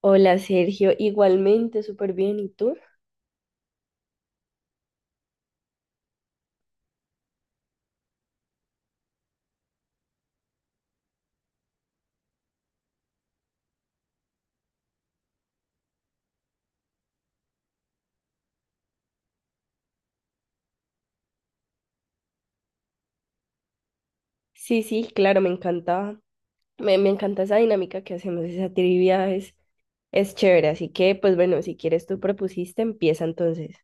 Hola Sergio, igualmente, súper bien. ¿Y tú? Sí, sí, claro, me encanta, me encanta esa dinámica que hacemos, esa trivia es chévere. Así que, pues bueno, si quieres tú propusiste, empieza entonces.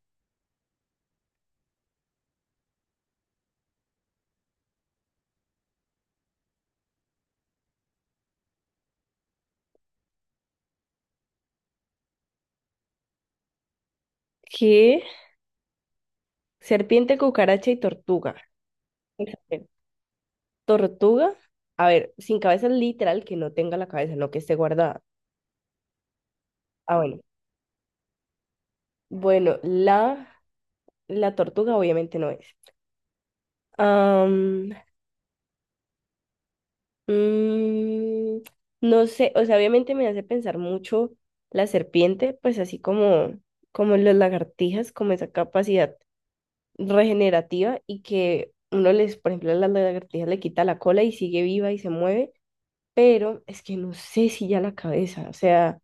¿Qué? Serpiente, cucaracha y tortuga. Exacto. Tortuga, a ver, sin cabeza literal, que no tenga la cabeza, no que esté guardada. Ah, bueno. Bueno, la tortuga obviamente no es. Am, Mm, no sé, o sea, obviamente me hace pensar mucho la serpiente, pues así como, como las lagartijas, como esa capacidad regenerativa y que uno les, por ejemplo, a las lagartijas le quita la cola y sigue viva y se mueve, pero es que no sé si ya la cabeza, o sea...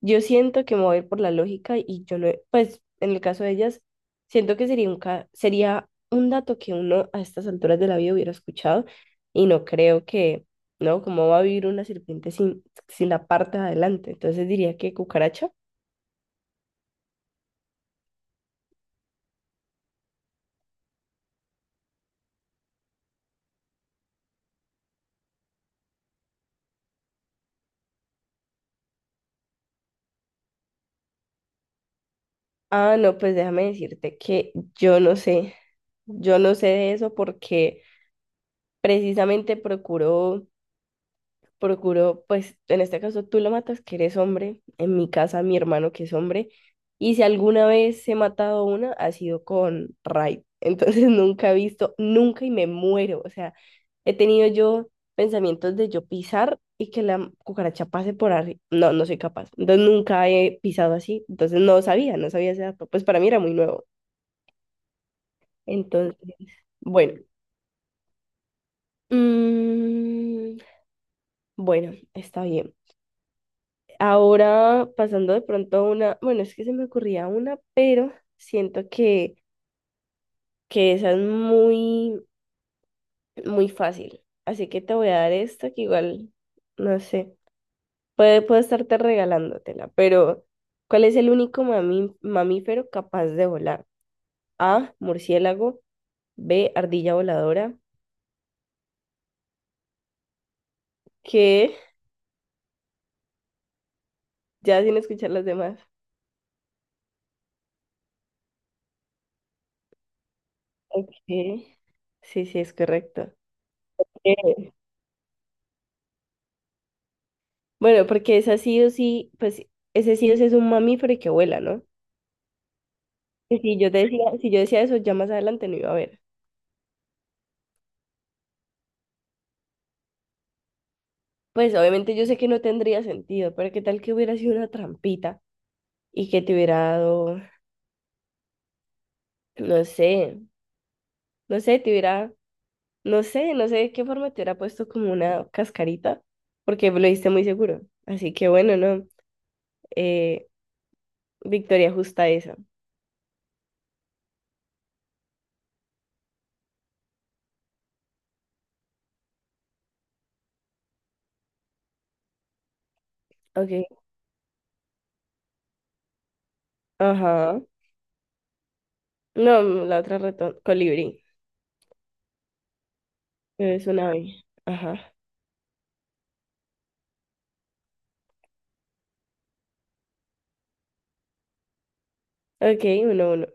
Yo siento que me voy a ir por la lógica y yo no, pues en el caso de ellas, siento que sería un, sería un dato que uno a estas alturas de la vida hubiera escuchado y no creo que, ¿no? ¿Cómo va a vivir una serpiente sin, sin la parte de adelante? Entonces diría que cucaracha. Ah, no, pues déjame decirte que yo no sé, yo no sé de eso porque precisamente procuro, pues en este caso tú lo matas, que eres hombre, en mi casa mi hermano que es hombre, y si alguna vez he matado una, ha sido con Raid. Entonces nunca he visto, nunca y me muero. O sea, he tenido yo pensamientos de yo pisar y que la cucaracha pase por arriba. No, no soy capaz. Entonces nunca he pisado así. Entonces no sabía, no sabía ese dato. Pues para mí era muy nuevo. Entonces, bueno. Mm, bueno, está bien. Ahora, pasando de pronto a una, bueno, es que se me ocurría una, pero siento que esa es muy, muy fácil. Así que te voy a dar esta que igual, no sé, puedo estarte regalándotela, pero ¿cuál es el único mamífero capaz de volar? A, murciélago, B, ardilla voladora, que ya sin escuchar las demás. Ok, sí, sí, es correcto. Bueno, porque esa sí o sí, pues ese sí o sí es un mamífero y que vuela, ¿no? Y si yo decía eso, ya más adelante no iba a haber. Pues obviamente yo sé que no tendría sentido, pero qué tal que hubiera sido una trampita y que te hubiera dado, no sé, no sé, te hubiera, no sé, no sé de qué forma te hubiera puesto como una cascarita, porque lo diste muy seguro. Así que bueno, no, eh, victoria justa esa. Ok, ajá. No, la otra ratón, colibrí, es una ave. Ajá. Ok, 1-1.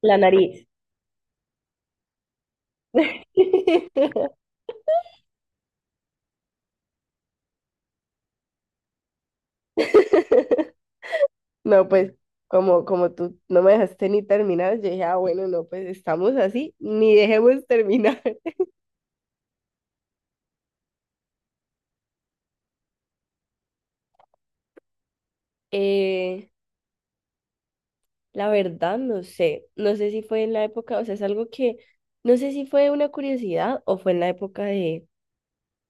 La nariz. No, pues como, como tú no me dejaste ni terminar, yo dije, ah, bueno, no, pues estamos así, ni dejemos terminar. Eh, la verdad, no sé, no sé si fue en la época, o sea, es algo que, no sé si fue una curiosidad o fue en la época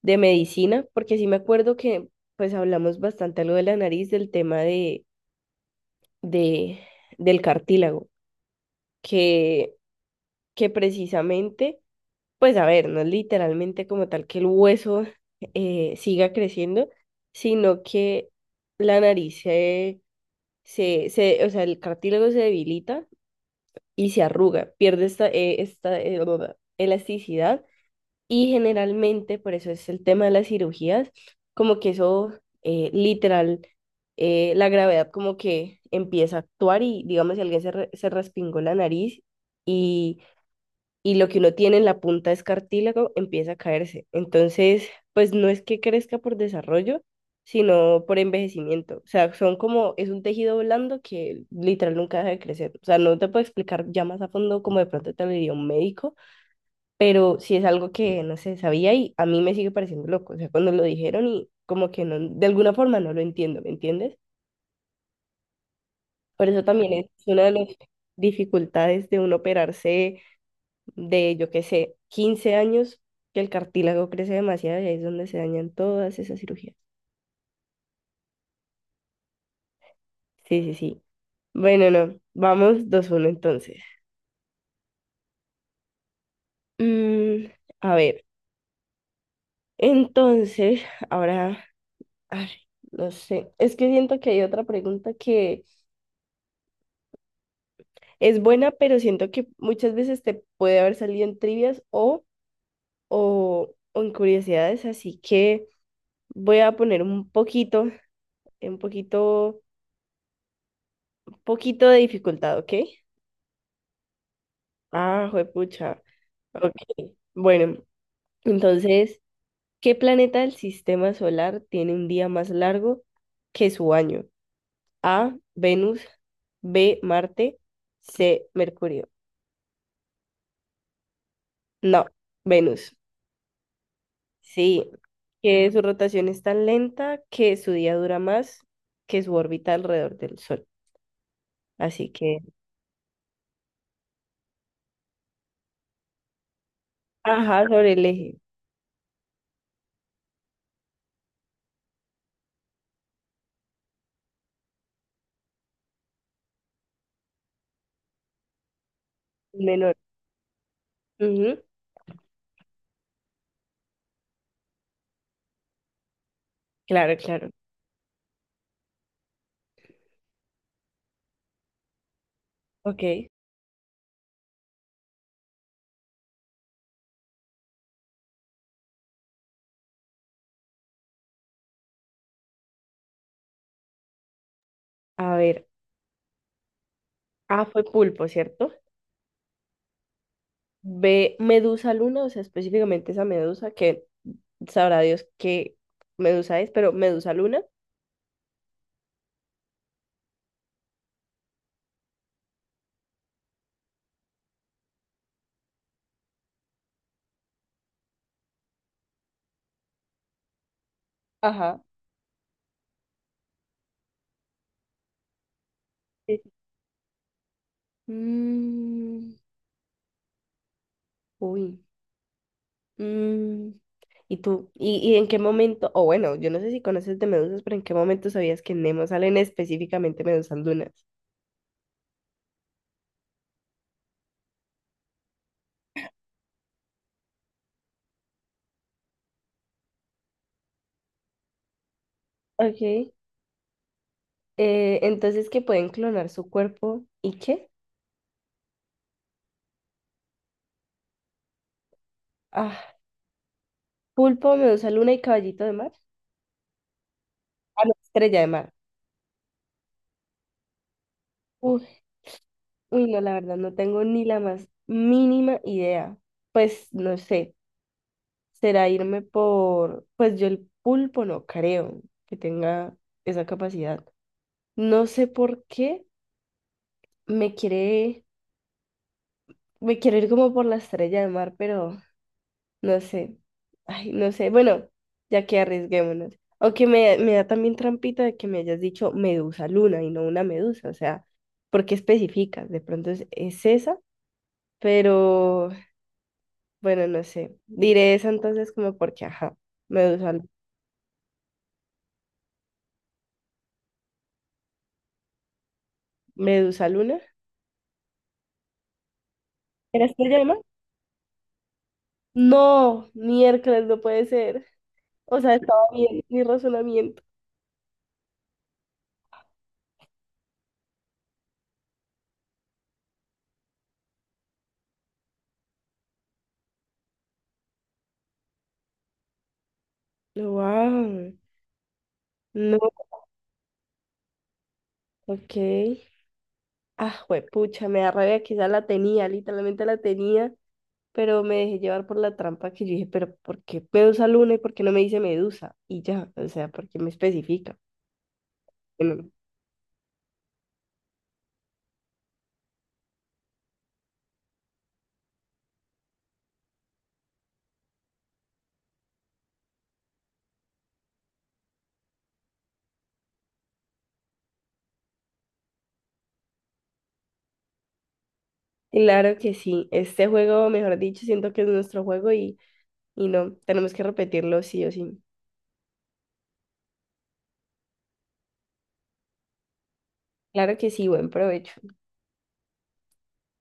de medicina, porque sí me acuerdo que pues hablamos bastante algo de la nariz, del tema de, del cartílago, que, que precisamente... Pues a ver, no es literalmente como tal que el hueso siga creciendo, sino que la nariz o sea, el cartílago se debilita y se arruga, pierde esta elasticidad y generalmente, por eso es el tema de las cirugías, como que eso literal, la gravedad como que empieza a actuar y digamos si alguien se respingó la nariz y lo que uno tiene en la punta es cartílago empieza a caerse. Entonces, pues no es que crezca por desarrollo, sino por envejecimiento. O sea, son como, es un tejido blando que literal nunca deja de crecer. O sea, no te puedo explicar ya más a fondo como de pronto te lo diría un médico, pero sí es algo que no sé, sabía y a mí me sigue pareciendo loco. O sea, cuando lo dijeron y como que no, de alguna forma no lo entiendo, ¿me entiendes? Por eso también es una de las dificultades de uno operarse de, yo qué sé, 15 años, que el cartílago crece demasiado y ahí es donde se dañan todas esas cirugías. Sí, sí, sí. Bueno, no, vamos 2-1 entonces. Mm, a ver, entonces, ahora, ay, no sé, es que siento que hay otra pregunta que es buena, pero siento que muchas veces te puede haber salido en trivias o en curiosidades, así que voy a poner un poquito, un poquito, un poquito de dificultad, ¿ok? Ah, juepucha. Ok. Bueno, entonces, ¿qué planeta del sistema solar tiene un día más largo que su año? A, Venus, B, Marte, C, Mercurio. No, Venus. Sí, que su rotación es tan lenta que su día dura más que su órbita alrededor del Sol. Así que, ajá, sobre el eje menor. Ujú, claro, claro. Ok. A ver, A fue pulpo, ¿cierto? Ve Medusa Luna, o sea, específicamente esa medusa, que sabrá Dios qué medusa es, pero Medusa Luna. Ajá. Sí. Mm, uy. mm, ¿Y tú? Y en qué momento? O bueno, yo no sé si conoces de medusas, pero ¿en qué momento sabías que en Nemo salen específicamente medusas lunas? Ok. Entonces, ¿que pueden clonar su cuerpo? ¿Y qué? Ah, pulpo, medusa luna y caballito de mar. Ah, no, estrella de mar. Uy, no, la verdad, no tengo ni la más mínima idea. Pues no sé, será irme por, pues yo el pulpo no creo que tenga esa capacidad. No sé por qué me quiere, me quiero ir como por la estrella de mar, pero no sé. Ay, no sé. Bueno, ya que arriesguémonos. O que me da también trampita de que me hayas dicho medusa luna y no una medusa. O sea, ¿por qué especificas? De pronto es esa. Pero, bueno, no sé. Diré eso entonces como porque, ajá, Medusa, Medusa Luna. ¿Eres que llama? No, miércoles no puede ser. O sea, estaba bien mi razonamiento. Wow. No, ok. Ah, pucha, me da rabia, quizá la tenía, literalmente la tenía, pero me dejé llevar por la trampa que yo dije, pero ¿por qué Medusa Luna y por qué no me dice Medusa? Y ya, o sea, ¿por qué me especifica? Bueno, claro que sí, este juego, mejor dicho, siento que es nuestro juego y... Y no, tenemos que repetirlo sí o sí. Claro que sí, buen provecho.